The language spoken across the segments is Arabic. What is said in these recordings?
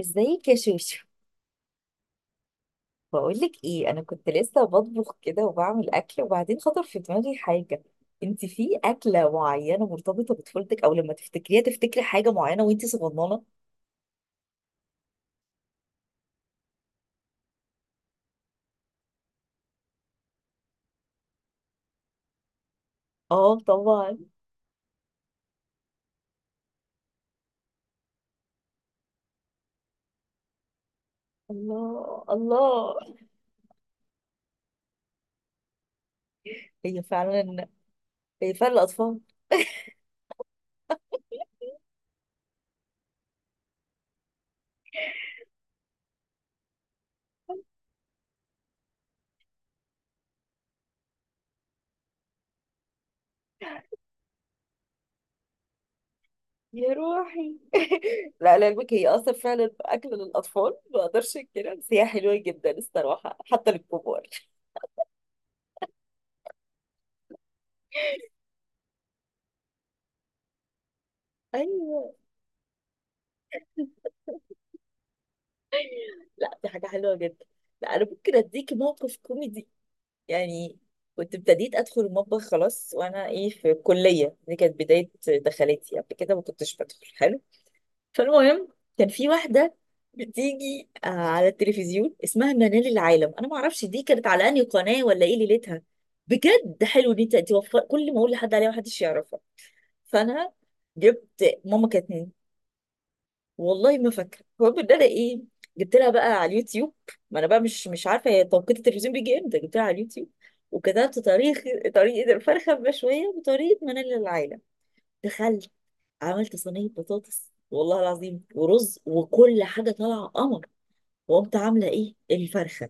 ازيك يا شوشو. بقولك ايه، انا كنت لسه بطبخ كده وبعمل اكل، وبعدين خطر في دماغي حاجه. انت في اكله معينه مرتبطه بطفولتك، او لما تفتكريها تفتكري حاجه معينه وانت صغننه؟ اه طبعا. الله الله. هي فعلا. هي فعلا الاطفال. يا روحي. لا لا، علمك هي اصلا فعلا اكل للاطفال، ما اقدرش كده، بس هي حلوه جدا الصراحه حتى للكبار. ايوه. لا دي حاجه حلوه جدا. لا انا ممكن اديكي موقف كوميدي، يعني كنت ابتديت ادخل المطبخ خلاص، وانا ايه في الكليه دي كانت بدايه دخلتي، قبل كده ما كنتش بدخل حلو. فالمهم، كان في واحده بتيجي على التلفزيون اسمها منال العالم، انا ما اعرفش دي كانت على انهي قناه ولا ايه ليلتها. بجد حلو ان انت توفر، كل ما اقول لحد عليها محدش يعرفها. فانا جبت ماما كانت، والله ما فاكره. المهم ان انا ايه، جبت لها بقى على اليوتيوب، ما انا بقى مش عارفه هي توقيت التلفزيون بيجي امتى، جبت لها على اليوتيوب وكتبت طريقه الفرخه المشويه بطريقه منال العايله. دخلت عملت صينيه بطاطس، والله العظيم، ورز وكل حاجه طالعه قمر. وقمت عامله ايه الفرخه.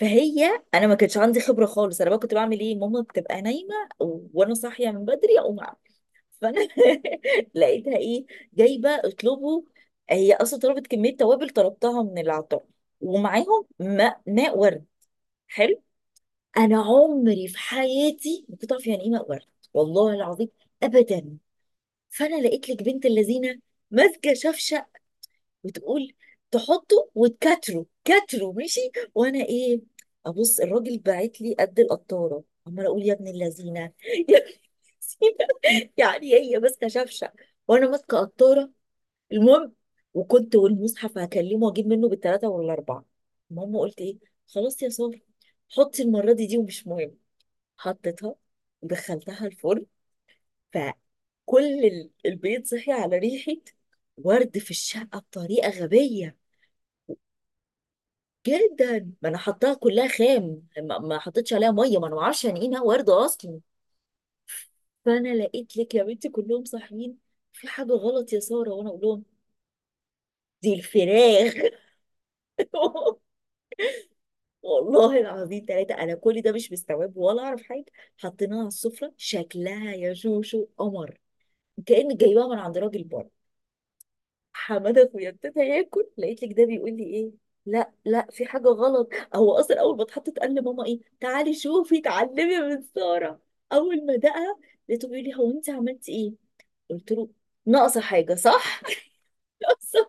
فهي انا ما كانش عندي خبره خالص، انا بقى كنت بعمل ايه، ماما بتبقى نايمه وانا صاحيه من بدري اقوم أعمل. فانا لقيتها ايه، جايبه اطلبه. هي اصلا طلبت كميه توابل طلبتها من العطار، ومعاهم ماء ورد. حلو. انا عمري في حياتي ما كنت اعرف يعني ايه ماء ورد، والله العظيم، ابدا. فانا لقيت لك بنت اللذينه ماسكه شفشه، بتقول تحطه وتكتره كتره، ماشي. وانا ايه، ابص الراجل باعت لي قد القطاره، عماله اقول يا ابن اللذينه يا ابن اللذينه يعني هي ماسكه شفشه وانا ماسكه قطاره. المهم، وكنت والمصحف هكلمه واجيب منه بالثلاثه والاربعه. المهم قلت ايه، خلاص يا ساره حطي المره دي ومش مهم. حطيتها ودخلتها الفرن. فكل البيت صحي على ريحه، ورد في الشقه بطريقه غبيه جدا. ما انا حطاها كلها خام، ما حطيتش عليها ميه، ما انا ما اعرفش يعني ايه انها ورده اصلا. فانا لقيت لك يا بنتي كلهم صاحيين، في حاجه غلط يا ساره، وانا اقول لهم دي الفراخ. والله العظيم ثلاثة، أنا كل ده مش مستوعب ولا أعرف حاجة. حطيناها على السفرة، شكلها يا شوشو قمر، كأن جايباها من عند راجل بره. حماده اخويا ابتدى ياكل، لقيت لك ده بيقول لي ايه، لا لا في حاجه غلط. هو اصلا اول ما اتحطت قال لماما ايه، تعالي شوفي اتعلمي من ساره. اول ما دقها، لقيته بيقول لي، هو انت عملتي ايه؟ قلت له ناقصه حاجه صح؟ ناقصه.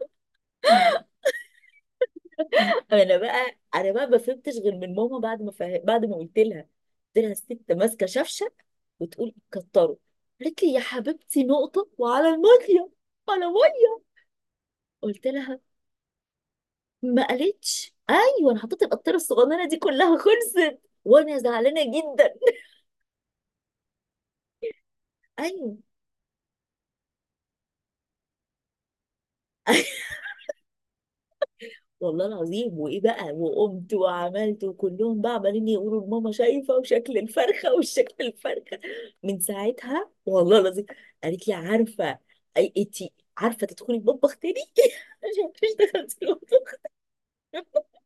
انا بقى ما فهمتش غير من ماما، بعد ما بعد ما قلت لها. قلت لها الست ماسكه شفشه وتقول كتره، قالت لي يا حبيبتي نقطه وعلى الميه، على ميه. قلت لها ما قالتش ايوه، انا حطيت القطاره الصغننه دي كلها خلصت. وانا زعلانه جدا. ايوه والله العظيم. وايه بقى، وقمت وعملت، وكلهم بقى عمالين يقولوا لماما، شايفه وشكل الفرخه وشكل الفرخه. من ساعتها والله العظيم، قالت لي عارفه اي انتي، عارفه تدخلي المطبخ تاني؟ عشان مش دخلتي المطبخ.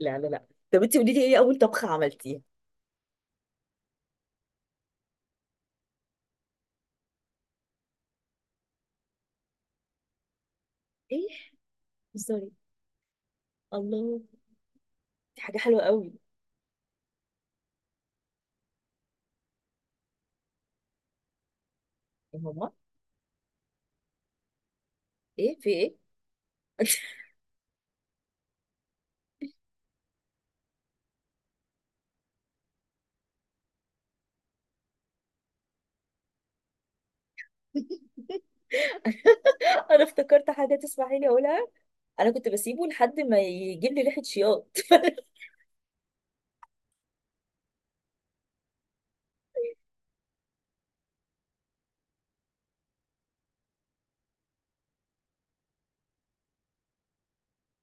لا لا لا. طب انتي قولي لي ايه اول طبخه عملتيها؟ ايه؟ سوري. الله، دي حاجه حلوه قوي. يا ماما ايه في ايه؟ انا افتكرت حاجه تسمحي لي اقولها، انا كنت بسيبه لحد ما يجيب لي ريحه شياط.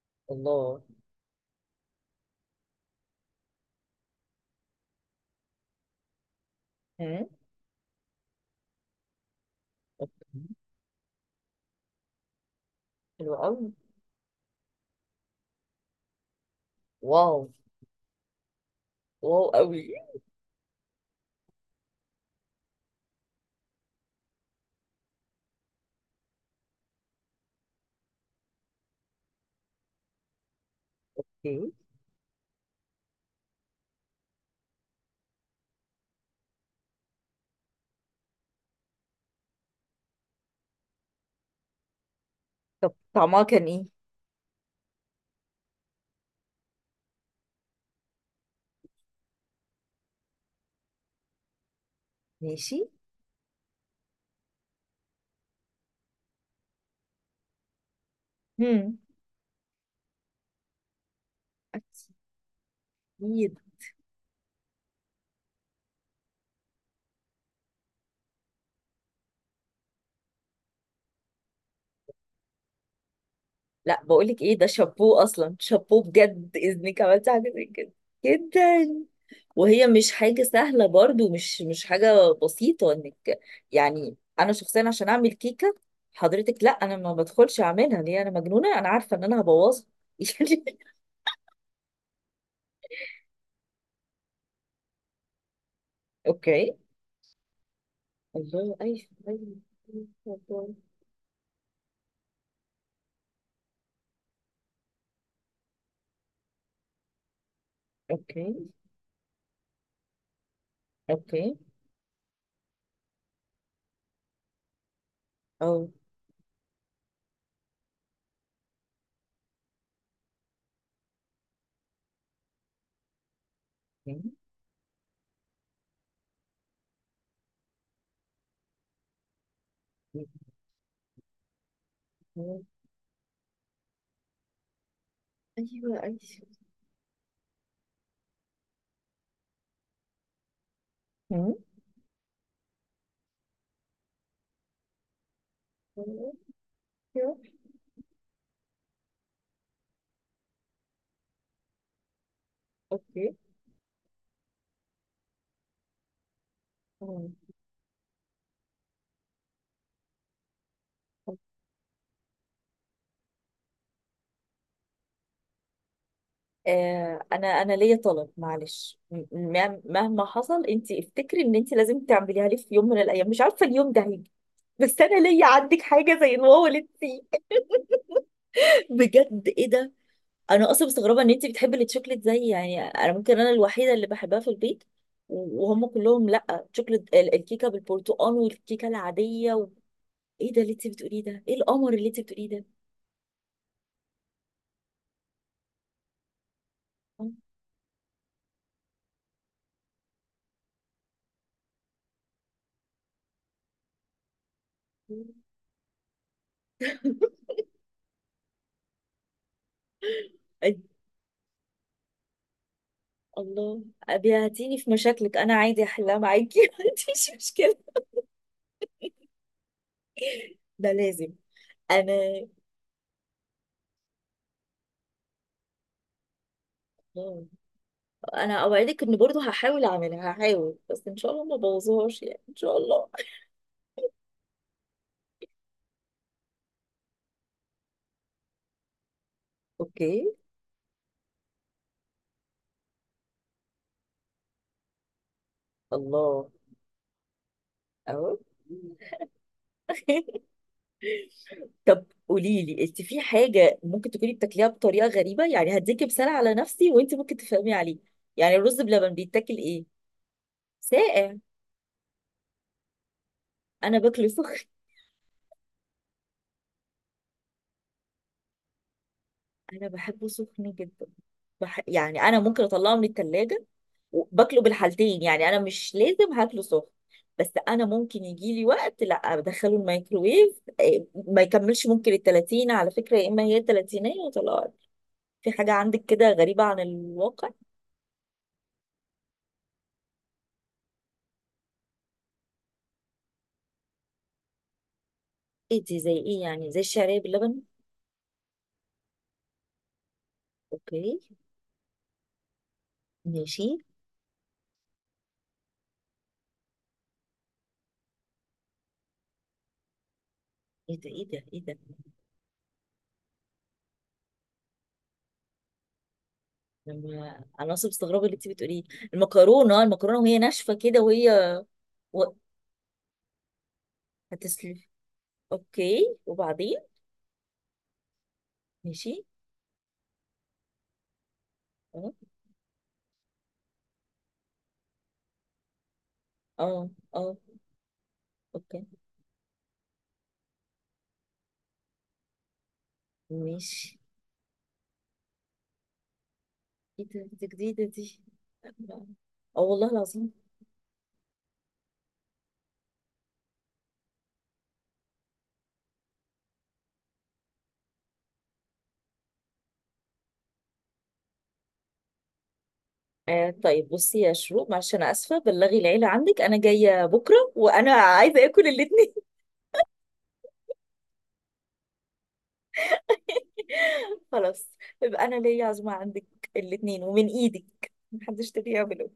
الله. مم. أوكي. حلو قوي. واو. واو قوي. اوكي. طب طعمها كان ايه؟ ماشي. هم. اكيد. لا بقول لك ايه، ده شابوه اصلا، شابوه بجد، اذنك عملت حاجه زي كده. جدا. وهي مش حاجة سهلة برضو، مش حاجة بسيطة انك، يعني انا شخصيا عشان اعمل كيكة، حضرتك لا انا ما بدخلش اعملها، ليه؟ انا مجنونة؟ انا عارفة ان انا هبوظها. يعني. اوكي. الله ايوه. ايوه. الله. اوكي. اوكي. اه. اوكي. ايوه. ايوه. أمم. أيوه. اوكي. آه. انا انا ليا طلب، معلش مهما حصل انت افتكري ان انت لازم تعمليها لي في يوم من الايام، مش عارفه اليوم ده هيجي، بس انا ليا عندك حاجه زي الواو اللي انت بجد ايه ده. انا اصلا مستغربه ان انت بتحبي التشوكلت، زي يعني انا ممكن انا الوحيده اللي بحبها في البيت، وهم كلهم لا تشوكلت، الكيكه بالبرتقال والكيكه العاديه و... ايه ده اللي انت بتقوليه ده، ايه القمر اللي انت بتقوليه ده؟ الله. أبي هتيجي في مشاكلك انا عادي احلها معاكي، ما عنديش مشكله. ده لازم. انا. الله. انا اوعدك ان برضو هحاول اعملها، هحاول بس ان شاء الله ما بوظهاش يعني، ان شاء الله. اوكي. الله. اهو. طب قولي لي، انت في حاجه ممكن تكوني بتاكليها بطريقه غريبه؟ يعني هديكي مثال على نفسي، وانت ممكن تفهمي عليه. يعني الرز بلبن بيتاكل ايه، ساقع؟ انا باكله سخن. انا بحبه سخن جدا. يعني انا ممكن اطلعه من التلاجة باكله بالحالتين، يعني انا مش لازم هاكله سخن، بس انا ممكن يجي لي وقت لا بدخله الميكروويف ما يكملش ممكن ال 30، على فكره، يا اما هي 30 وطلعت. في حاجه عندك كده غريبه عن الواقع؟ ايه دي، زي ايه؟ يعني زي الشعريه باللبن؟ اوكي. ماشي. ايه ده ايه ده ايه ده. لما انا اصلا مستغربه اللي انت بتقوليه. المكرونه، المكرونه وهي ناشفه كده وهي و... هتسلف. اوكي وبعدين؟ ماشي. اه. اه. اه. اوكي. ماشي. ايه ده، دي جديدة دي. اه والله العظيم. آه طيب، بصي يا شروق معلش، انا اسفة بلغي العيلة عندك، انا جاية بكرة وانا عايزة اكل الاتنين. خلاص. يبقى انا ليا عزومة عندك، الاتنين ومن ايدك محدش تاني يعمله.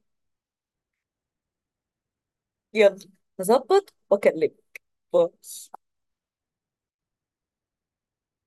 يلا هظبط واكلمك. باي.